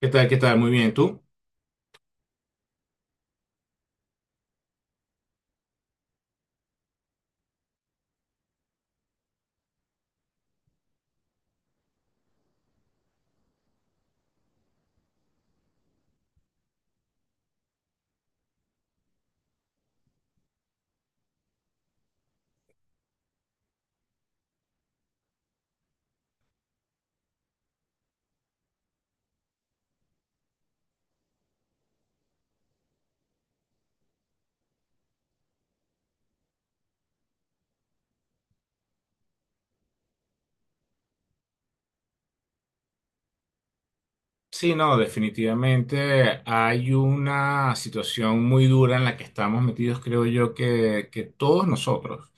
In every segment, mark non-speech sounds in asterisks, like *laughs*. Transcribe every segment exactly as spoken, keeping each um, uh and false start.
¿Qué tal? ¿Qué tal? Muy bien, ¿tú? Sí, no, definitivamente hay una situación muy dura en la que estamos metidos, creo yo, que, que todos nosotros.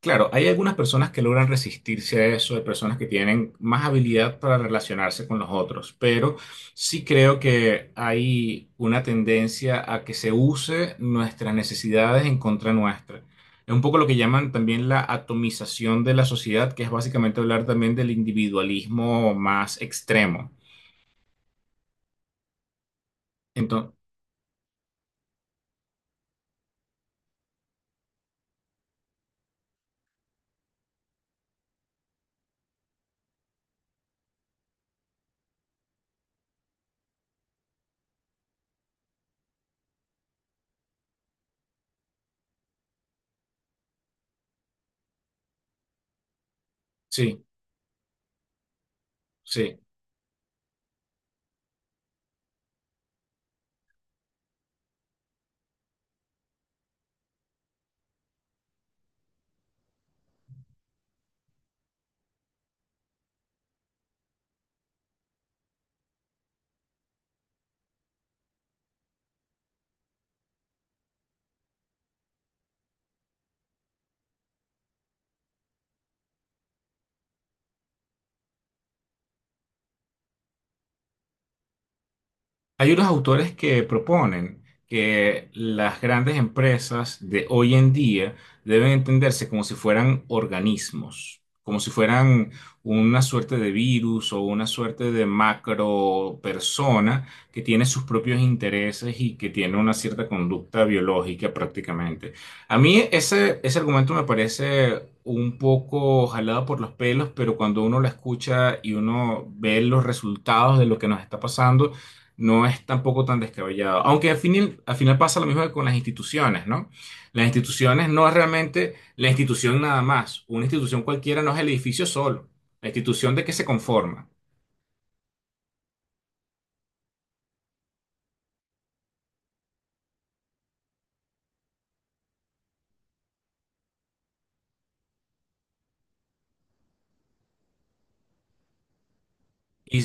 Claro, hay algunas personas que logran resistirse a eso, hay personas que tienen más habilidad para relacionarse con los otros, pero sí creo que hay una tendencia a que se use nuestras necesidades en contra nuestra. Es un poco lo que llaman también la atomización de la sociedad, que es básicamente hablar también del individualismo más extremo. Entonces, sí, sí. Hay unos autores que proponen que las grandes empresas de hoy en día deben entenderse como si fueran organismos, como si fueran una suerte de virus o una suerte de macro persona que tiene sus propios intereses y que tiene una cierta conducta biológica prácticamente. A mí ese, ese argumento me parece un poco jalado por los pelos, pero cuando uno lo escucha y uno ve los resultados de lo que nos está pasando, no es tampoco tan descabellado. Aunque al final, al final pasa lo mismo que con las instituciones, ¿no? Las instituciones no es realmente la institución nada más. Una institución cualquiera no es el edificio solo. La institución de qué se conforma. Y,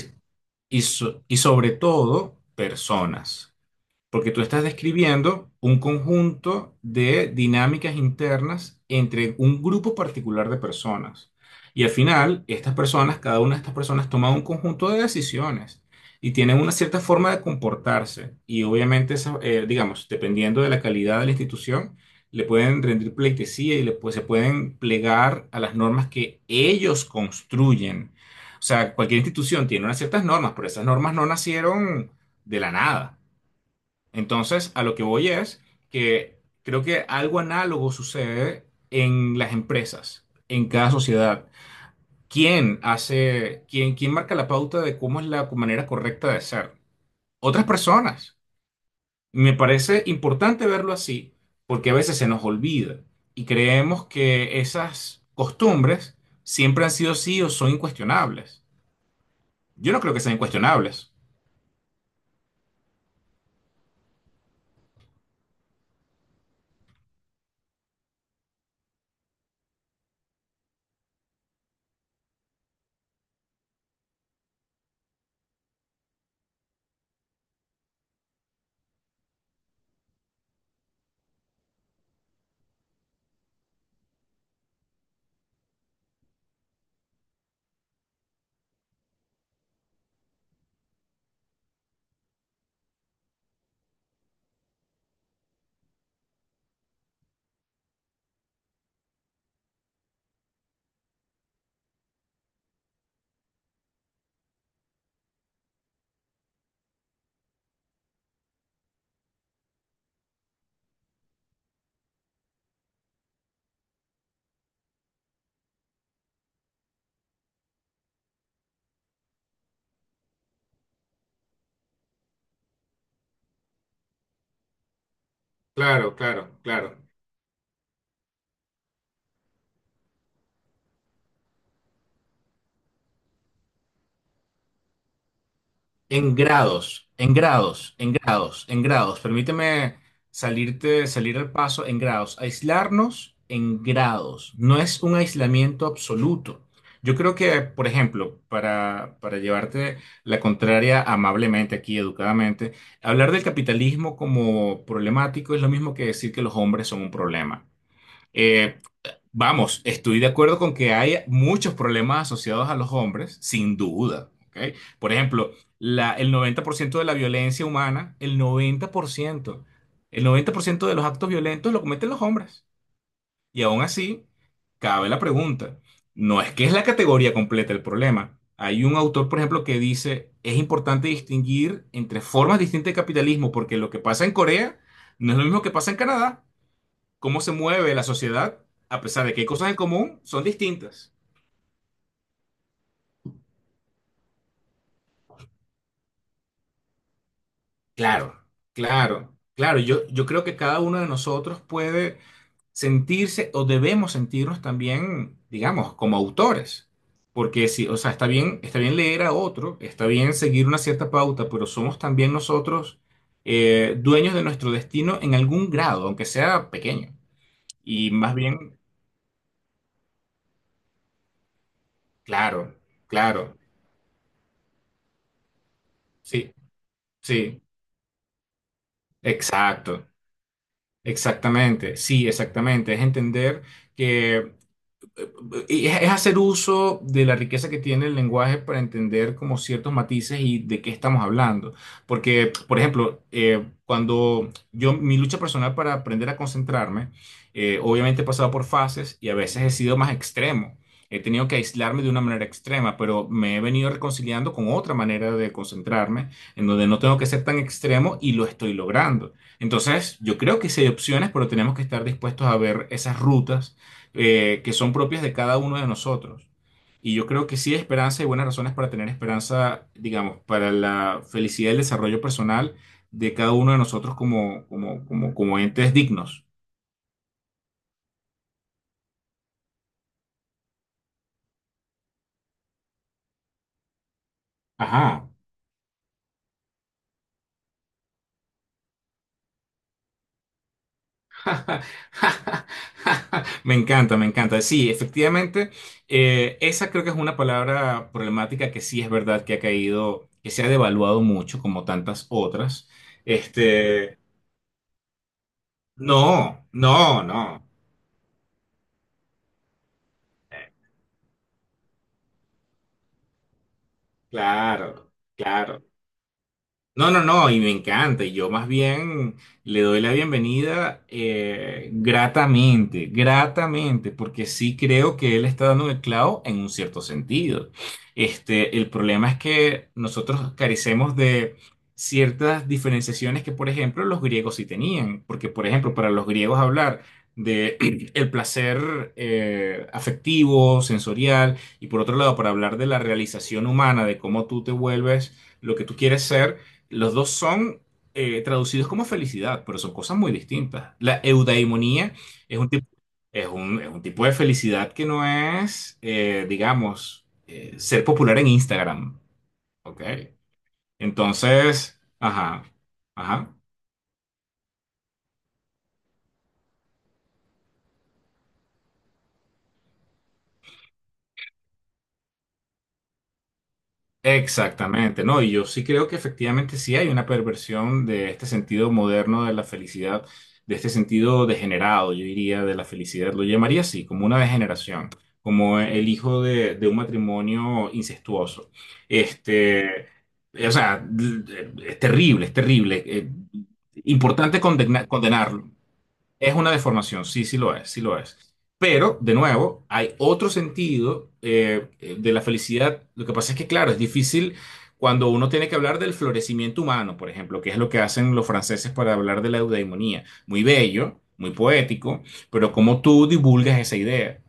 y, so- y sobre todo, personas. Porque tú estás describiendo un conjunto de dinámicas internas entre un grupo particular de personas. Y al final, estas personas, cada una de estas personas toma un conjunto de decisiones y tienen una cierta forma de comportarse. Y obviamente, esa, eh, digamos, dependiendo de la calidad de la institución, le pueden rendir pleitesía y le, pues, se pueden plegar a las normas que ellos construyen. O sea, cualquier institución tiene unas ciertas normas, pero esas normas no nacieron de la nada. Entonces, a lo que voy es que creo que algo análogo sucede en las empresas, en cada sociedad. ¿Quién hace, quién, quién marca la pauta de cómo es la manera correcta de ser? Otras personas. Me parece importante verlo así porque a veces se nos olvida y creemos que esas costumbres siempre han sido así o son incuestionables. Yo no creo que sean incuestionables. Claro, claro, claro. En grados, en grados, en grados, en grados. Permíteme salirte, salir al paso en grados. Aislarnos en grados. No es un aislamiento absoluto. Yo creo que, por ejemplo, para, para llevarte la contraria amablemente aquí, educadamente, hablar del capitalismo como problemático es lo mismo que decir que los hombres son un problema. Eh, Vamos, estoy de acuerdo con que hay muchos problemas asociados a los hombres, sin duda, ¿ok? Por ejemplo, la- el noventa por ciento de la violencia humana, el noventa por ciento, el noventa por ciento de los actos violentos lo cometen los hombres. Y aún así, cabe la pregunta, no es que es la categoría completa el problema. Hay un autor, por ejemplo, que dice, es importante distinguir entre formas distintas de capitalismo, porque lo que pasa en Corea no es lo mismo que pasa en Canadá cómo se mueve la sociedad, a pesar de que hay cosas en común, son distintas. Claro, claro, claro. Yo, yo creo que cada uno de nosotros puede sentirse o debemos sentirnos también, digamos, como autores. Porque si, o sea, está bien, está bien leer a otro, está bien seguir una cierta pauta, pero somos también nosotros eh, dueños de nuestro destino en algún grado, aunque sea pequeño. Y más bien, claro, claro, sí, sí, exacto. Exactamente, sí, exactamente. Es entender que y Es es hacer uso de la riqueza que tiene el lenguaje para entender como ciertos matices y de qué estamos hablando. Porque, por ejemplo, eh, cuando yo, mi lucha personal para aprender a concentrarme, eh, obviamente he pasado por fases y a veces he sido más extremo. He tenido que aislarme de una manera extrema, pero me he venido reconciliando con otra manera de concentrarme, en donde no tengo que ser tan extremo y lo estoy logrando. Entonces, yo creo que sí hay opciones, pero tenemos que estar dispuestos a ver esas rutas eh, que son propias de cada uno de nosotros. Y yo creo que sí hay esperanza y buenas razones para tener esperanza, digamos, para la felicidad y el desarrollo personal de cada uno de nosotros como, como, como, como entes dignos. Ajá. *laughs* Me encanta, me encanta. Sí, efectivamente, eh, esa creo que es una palabra problemática que sí es verdad que ha caído, que se ha devaluado mucho, como tantas otras. Este, no, no, no. Claro, claro. No, no, no, y me encanta. Y yo más bien le doy la bienvenida eh, gratamente, gratamente, porque sí creo que él está dando el clavo en un cierto sentido. Este, el problema es que nosotros carecemos de ciertas diferenciaciones que, por ejemplo, los griegos sí tenían. Porque, por ejemplo, para los griegos hablar de *clears throat* el placer eh, afectivo, sensorial, y por otro lado, para hablar de la realización humana, de cómo tú te vuelves lo que tú quieres ser los dos son eh, traducidos como felicidad, pero son cosas muy distintas. La eudaimonía es un tipo, es un, es un tipo de felicidad que no es, eh, digamos, eh, ser popular en Instagram. ¿Ok? Entonces, ajá, ajá. Exactamente, ¿no? Y yo sí creo que efectivamente sí hay una perversión de este sentido moderno de la felicidad, de este sentido degenerado, yo diría, de la felicidad. Lo llamaría así, como una degeneración, como el hijo de, de un matrimonio incestuoso. Este, o sea, es terrible, es terrible. Eh, importante condena- condenarlo. Es una deformación, sí, sí lo es, sí lo es. Pero, de nuevo, hay otro sentido eh, eh, de la felicidad. Lo que pasa es que, claro, es difícil cuando uno tiene que hablar del florecimiento humano, por ejemplo, que es lo que hacen los franceses para hablar de la eudaimonía. Muy bello, muy poético, pero ¿cómo tú divulgas esa idea?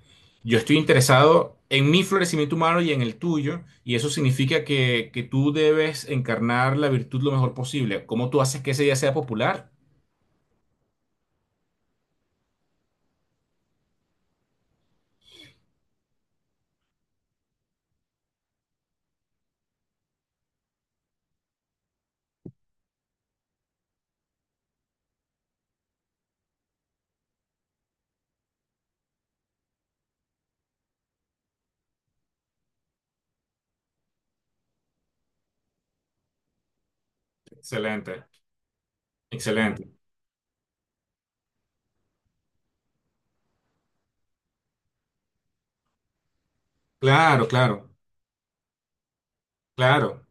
Yo estoy interesado en mi florecimiento humano y en el tuyo, y eso significa que, que tú debes encarnar la virtud lo mejor posible. ¿Cómo tú haces que esa idea sea popular? Excelente, excelente. Claro, claro, claro.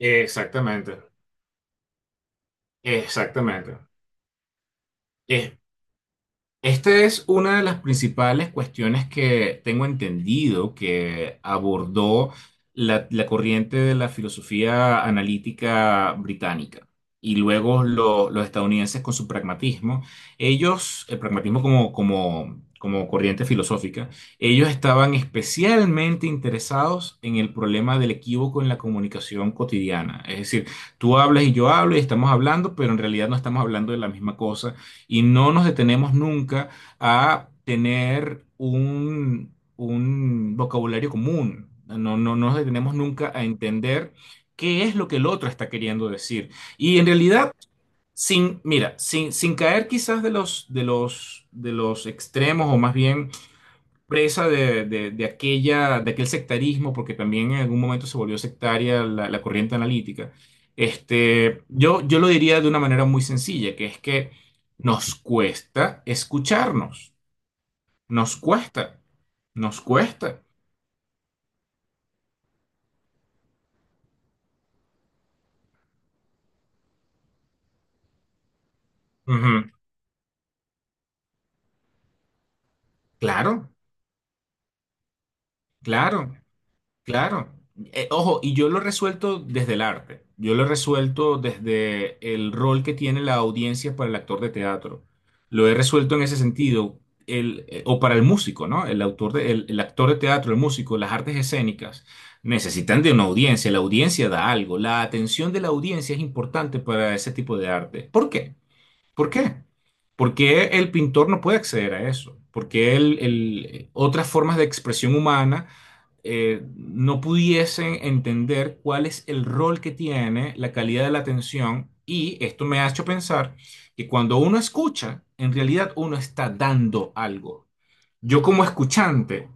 Exactamente, exactamente. Es Esta es una de las principales cuestiones que tengo entendido que abordó la, la corriente de la filosofía analítica británica y luego lo- los estadounidenses con su pragmatismo. Ellos, el pragmatismo como, como, como corriente filosófica, ellos estaban especialmente interesados en el problema del equívoco en la comunicación cotidiana. Es decir, tú hablas y yo hablo y estamos hablando, pero en realidad no estamos hablando de la misma cosa y no nos detenemos nunca a tener un, un vocabulario común. No, no, no nos detenemos nunca a entender qué es lo que el otro está queriendo decir. Y en realidad, sin, mira, sin, sin caer quizás de los, de los, de los extremos o más bien presa de, de- de aquella, de aquel sectarismo, porque también en algún momento se volvió sectaria la, la corriente analítica. Este, yo, yo lo diría de una manera muy sencilla, que es que nos cuesta escucharnos, nos cuesta, nos cuesta. Ujú. Claro, claro. Claro. Eh, ojo, y yo lo he resuelto desde el arte. Yo lo he resuelto desde el rol que tiene la audiencia para el actor de teatro. Lo he resuelto en ese sentido. El, eh, o para el músico, ¿no? El autor de- el, el actor de teatro, el músico, las artes escénicas necesitan de una audiencia. La audiencia da algo. La atención de la audiencia es importante para ese tipo de arte. ¿Por qué? ¿Por qué? Porque el pintor no puede acceder a eso. Porque el- el- eh, otras formas de expresión humana eh, no pudiesen entender cuál es el rol que tiene la calidad de la atención y esto me ha hecho pensar que cuando uno escucha, en realidad uno está dando algo. Yo como escuchante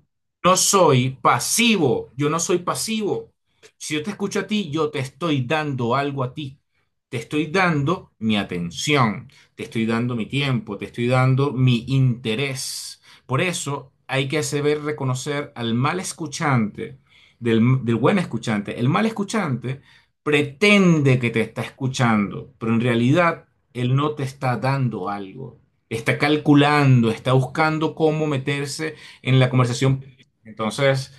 no soy pasivo, yo no soy pasivo. Si yo te escucho a ti, yo te estoy dando algo a ti. Te estoy dando mi atención, te estoy dando mi tiempo, te estoy dando mi interés. Por eso hay que saber reconocer al mal escuchante del, del buen escuchante. El mal escuchante pretende que te está escuchando, pero en realidad él no te está dando algo está calculando, está buscando cómo meterse en la conversación. Entonces,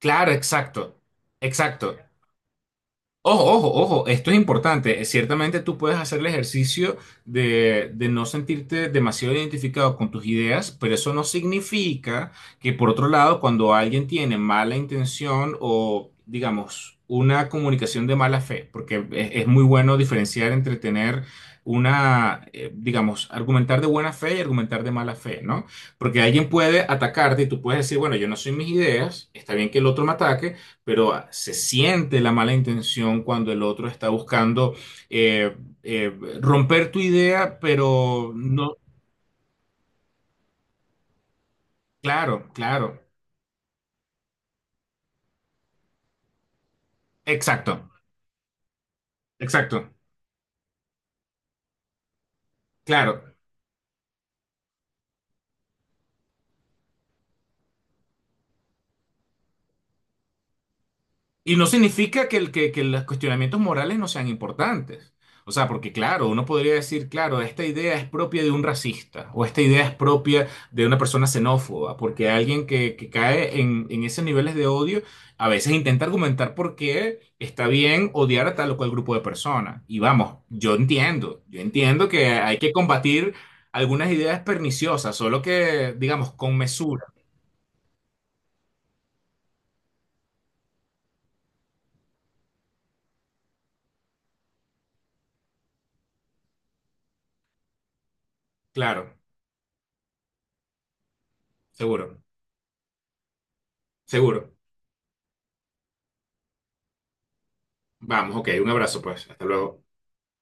claro, exacto, exacto. Ojo, ojo, ojo, esto es importante. Eh, Ciertamente tú puedes hacer el ejercicio de, de no sentirte demasiado identificado con tus ideas, pero eso no significa que por otro lado, cuando alguien tiene mala intención o, digamos, una comunicación de mala fe, porque es, es muy bueno diferenciar entre tener una, eh, digamos, argumentar de buena fe y argumentar de mala fe, ¿no? Porque alguien puede atacarte y tú puedes decir, bueno, yo no soy mis ideas, está bien que el otro me ataque pero ah, se siente la mala intención cuando el otro está buscando eh, eh, romper tu idea, pero no, claro, claro, exacto, exacto, claro. Y no significa que, el, que, que los cuestionamientos morales no sean importantes. O sea, porque claro, uno podría decir, claro, esta idea es propia de un racista o esta idea es propia de una persona xenófoba, porque alguien que, que cae en, en esos niveles de odio a veces intenta argumentar por qué está bien odiar a tal o cual grupo de personas. Y vamos, yo entiendo, yo entiendo que hay que combatir algunas ideas perniciosas, solo que, digamos, con mesura. Claro, seguro, seguro. Vamos, ok, un abrazo pues, hasta luego.